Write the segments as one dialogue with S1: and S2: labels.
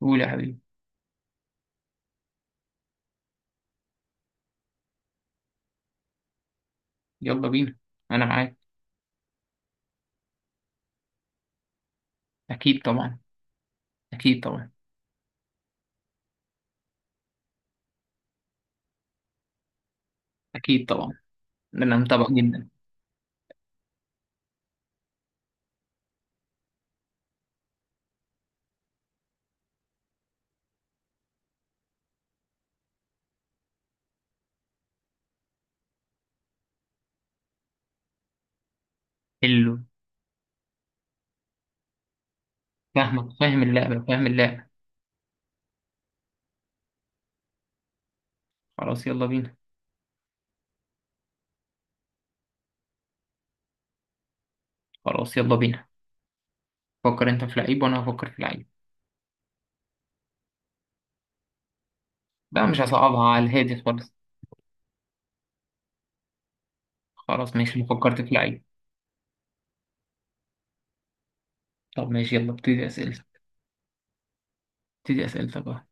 S1: قول يا حبيبي. يلا بينا، انا معاك. اكيد طبعا. اكيد طبعا. اكيد طبعا، انا متابع جدا. حلو. فاهمك، فاهم اللعبه. خلاص يلا بينا. خلاص يلا بينا. فكر انت في لعيب وانا هفكر في لعيب. لا، مش هصعبها على الهادي خالص. خلاص ماشي، ما فكرت في لعيب. طب ماشي، يلا ابتدي اسئلتك. ابتدي اسئلتك بقى.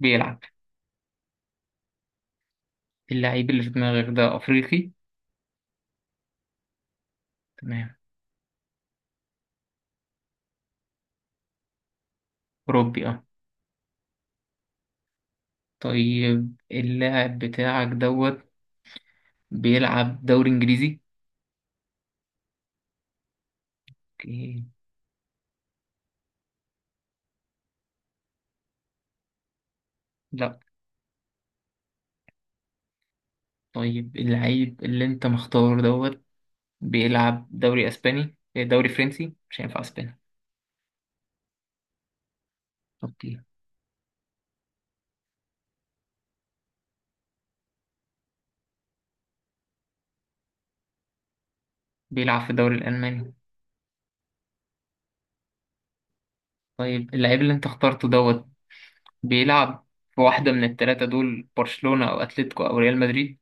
S1: بيلعب. اللعيب اللي في دماغك ده افريقي؟ تمام. اوروبي اه. طيب اللاعب بتاعك دوت بيلعب دوري انجليزي؟ اوكي. لا. طيب اللعيب اللي انت مختار دوت بيلعب دوري اسباني إيه، دوري فرنسي مش هينفع اسباني. اوكي. بيلعب في الدوري الالماني. طيب اللعيب اللي انت اخترته دوت بيلعب في واحدة من الـ3 دول، برشلونة او اتلتيكو او ريال مدريد؟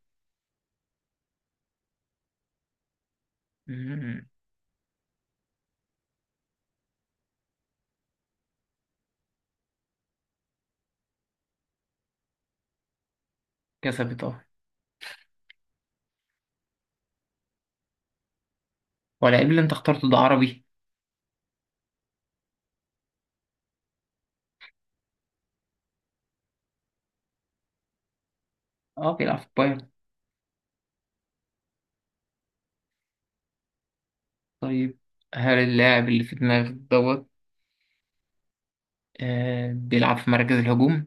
S1: مم. كسبت اه. واللعيب اللي انت اخترته ده عربي؟ اه، بيلعب في بايرن. طيب، هل اللاعب اللي في دماغك دوت بيلعب في مركز الهجوم؟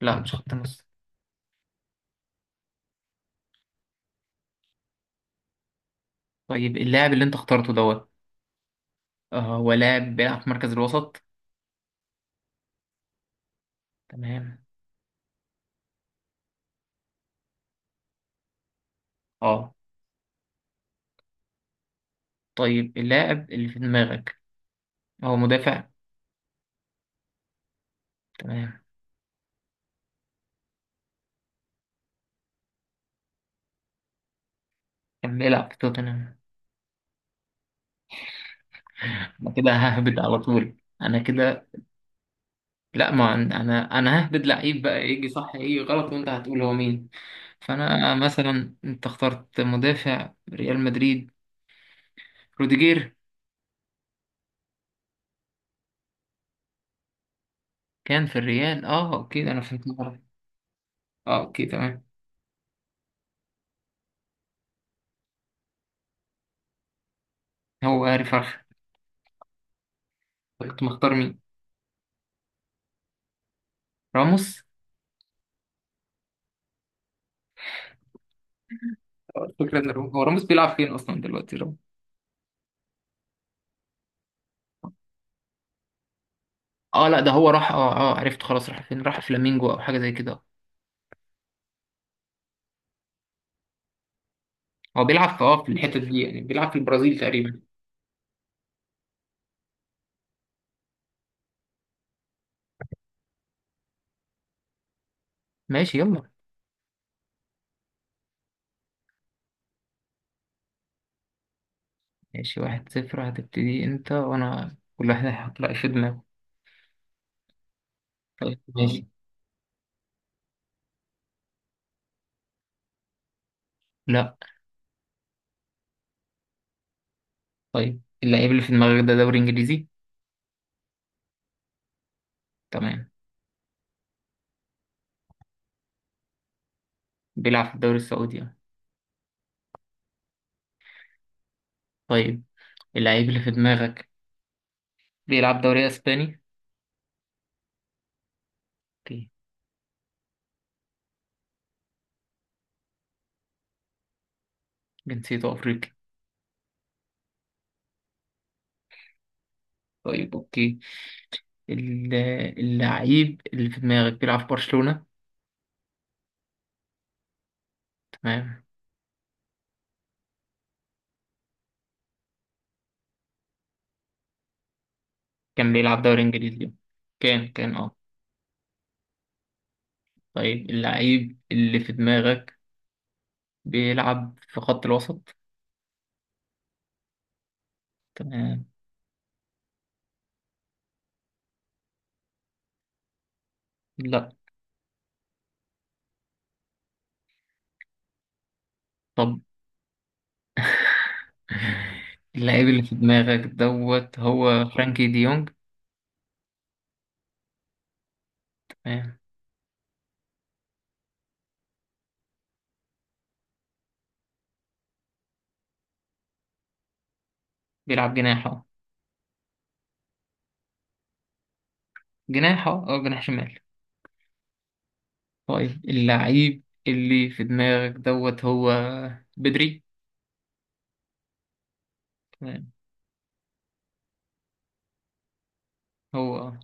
S1: لا، مش خط نص. طيب اللاعب اللي انت اخترته دوت هو لاعب بيلعب في مركز الوسط؟ تمام. اه. طيب اللاعب اللي في دماغك هو مدافع؟ تمام. كان بيلعب في توتنهام. انا كده ههبد على طول. انا كده. لا، ما عن- انا ههبد لعيب بقى، يجي صح يجي غلط وانت هتقول هو مين. فانا مثلا، انت اخترت مدافع ريال مدريد، روديجير. كان في الريال، اه اوكي، ده انا فهمت غلط. اه اوكي تمام. هو هاري فرخ. كنت مختار مين؟ راموس. الفكرة ان هو راموس بيلعب فين اصلا دلوقتي راموس؟ اه لا، ده هو راح، عرفت، خلاص راح فين، راح فلامينجو او حاجة زي كده. هو بيلعب في الحتة دي، يعني بيلعب في البرازيل تقريبا. ماشي يلا. ماشي، 1-0، هتبتدي انت وانا كل واحد هيحط رأي في دماغه. طيب ماشي. لا. طيب اللعيب اللي في دماغك ده دوري انجليزي؟ تمام. بيلعب في الدوري السعودي اه. طيب اللعيب اللي في دماغك بيلعب دوري اسباني؟ اوكي. جنسيته افريقي. طيب اوكي. ال- اللعيب اللي في دماغك بيلعب في برشلونة؟ تمام. كان بيلعب دوري انجليزي. كان اه. طيب اللعيب اللي في دماغك بيلعب في خط الوسط. تمام. لا. طب اللاعب اللي في دماغك دوت هو فرانكي دي يونج؟ تمام. بيلعب جناح اه. جناح اه، أو جناح شمال. طيب اللاعب اللي في دماغك دوت هو بدري؟ تمام. هو آه.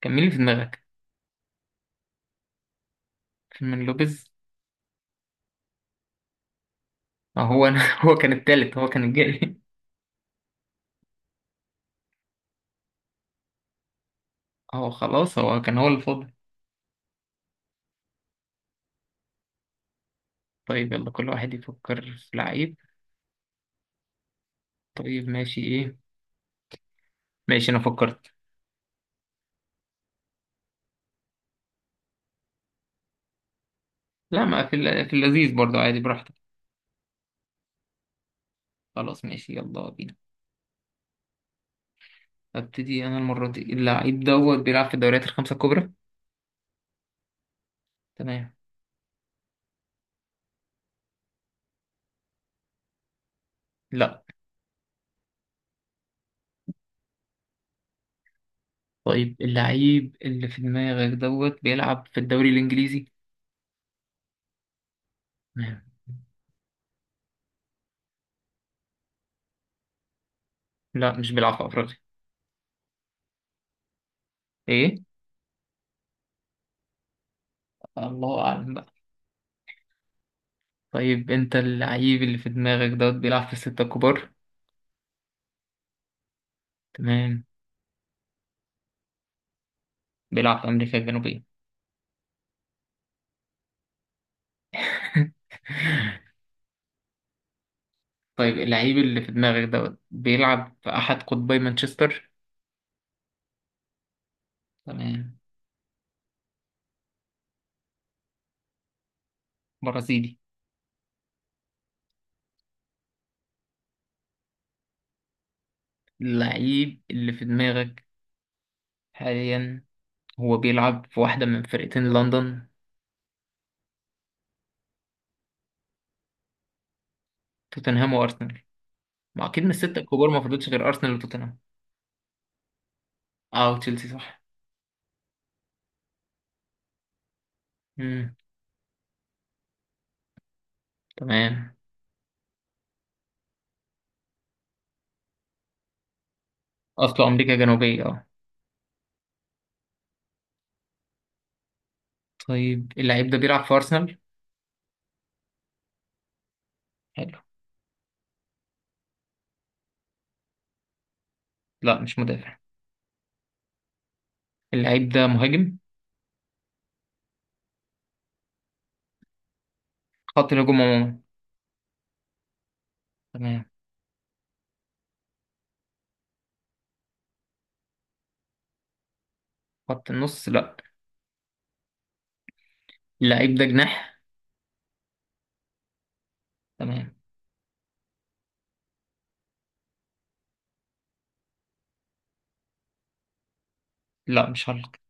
S1: كان مين اللي في دماغك؟ فيرمين لوبيز. اه، هو انا هو كان التالت، هو كان الجاي. اه خلاص، هو كان هو اللي فاضل. طيب يلا، كل واحد يفكر في لعيب. طيب ماشي ايه. ماشي، انا فكرت. لا، ما في في اللذيذ برضه عادي براحتك. خلاص ماشي، يلا بينا. ابتدي انا المرة دي. اللعيب دوت بيلعب في الدوريات الـ5 الكبرى. تمام. لا. طيب اللعيب اللي في دماغك دوت بيلعب في الدوري الانجليزي؟ تمام. لا، مش بيلعب في افريقيا. ايه؟ الله اعلم بقى. طيب انت، اللعيب اللي في دماغك دوت بيلعب في الـ6 الكبار؟ تمام. بيلعب في امريكا الجنوبية. طيب اللعيب اللي في دماغك دوت بيلعب في احد قطبي مانشستر؟ تمام. برازيلي. اللعيب اللي في دماغك حاليا، هو بيلعب في واحدة من فرقتين لندن. توتنهام وأرسنال. ما أكيد من الـ6 الكبار ما فضلش غير أرسنال وتوتنهام. أه وتشيلسي صح. مم. تمام. أصله أمريكا الجنوبية أه. طيب اللعيب ده بيلعب في أرسنال؟ حلو. لا، مش مدافع. اللعيب ده مهاجم. خط الهجوم عموما. تمام. خط النص لا. اللعيب ده جناح. تمام. لا، مش هالك.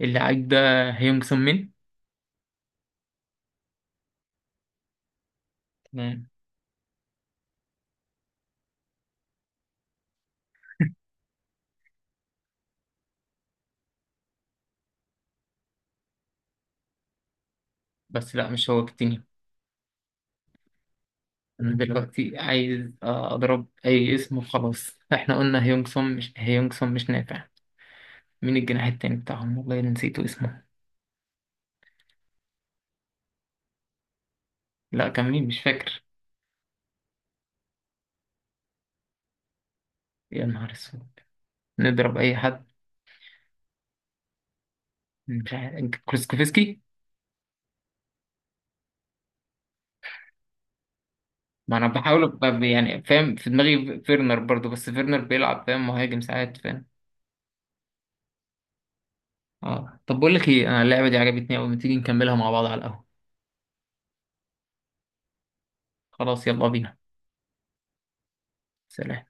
S1: اللعيب ده هيونج سون مين. تمام. بس لا مش هو كتير. انا دلوقتي عايز اضرب اي اسم وخلاص، احنا قلنا هيونغسون مش هيونغسون مش نافع. مين الجناح التاني بتاعهم؟ والله أنا نسيته اسمه. لا، كان مين؟ مش فاكر. يا نهار اسود. نضرب اي حد. مش عارف، كروسكوفسكي. ما انا بحاول يعني فاهم، في دماغي فيرنر برضو، بس فيرنر بيلعب فاهم مهاجم ساعات فاهم. اه طب بقول لك ايه، انا اللعبة دي عجبتني قوي، ما تيجي نكملها مع بعض على القهوة. خلاص يلا بينا. سلام.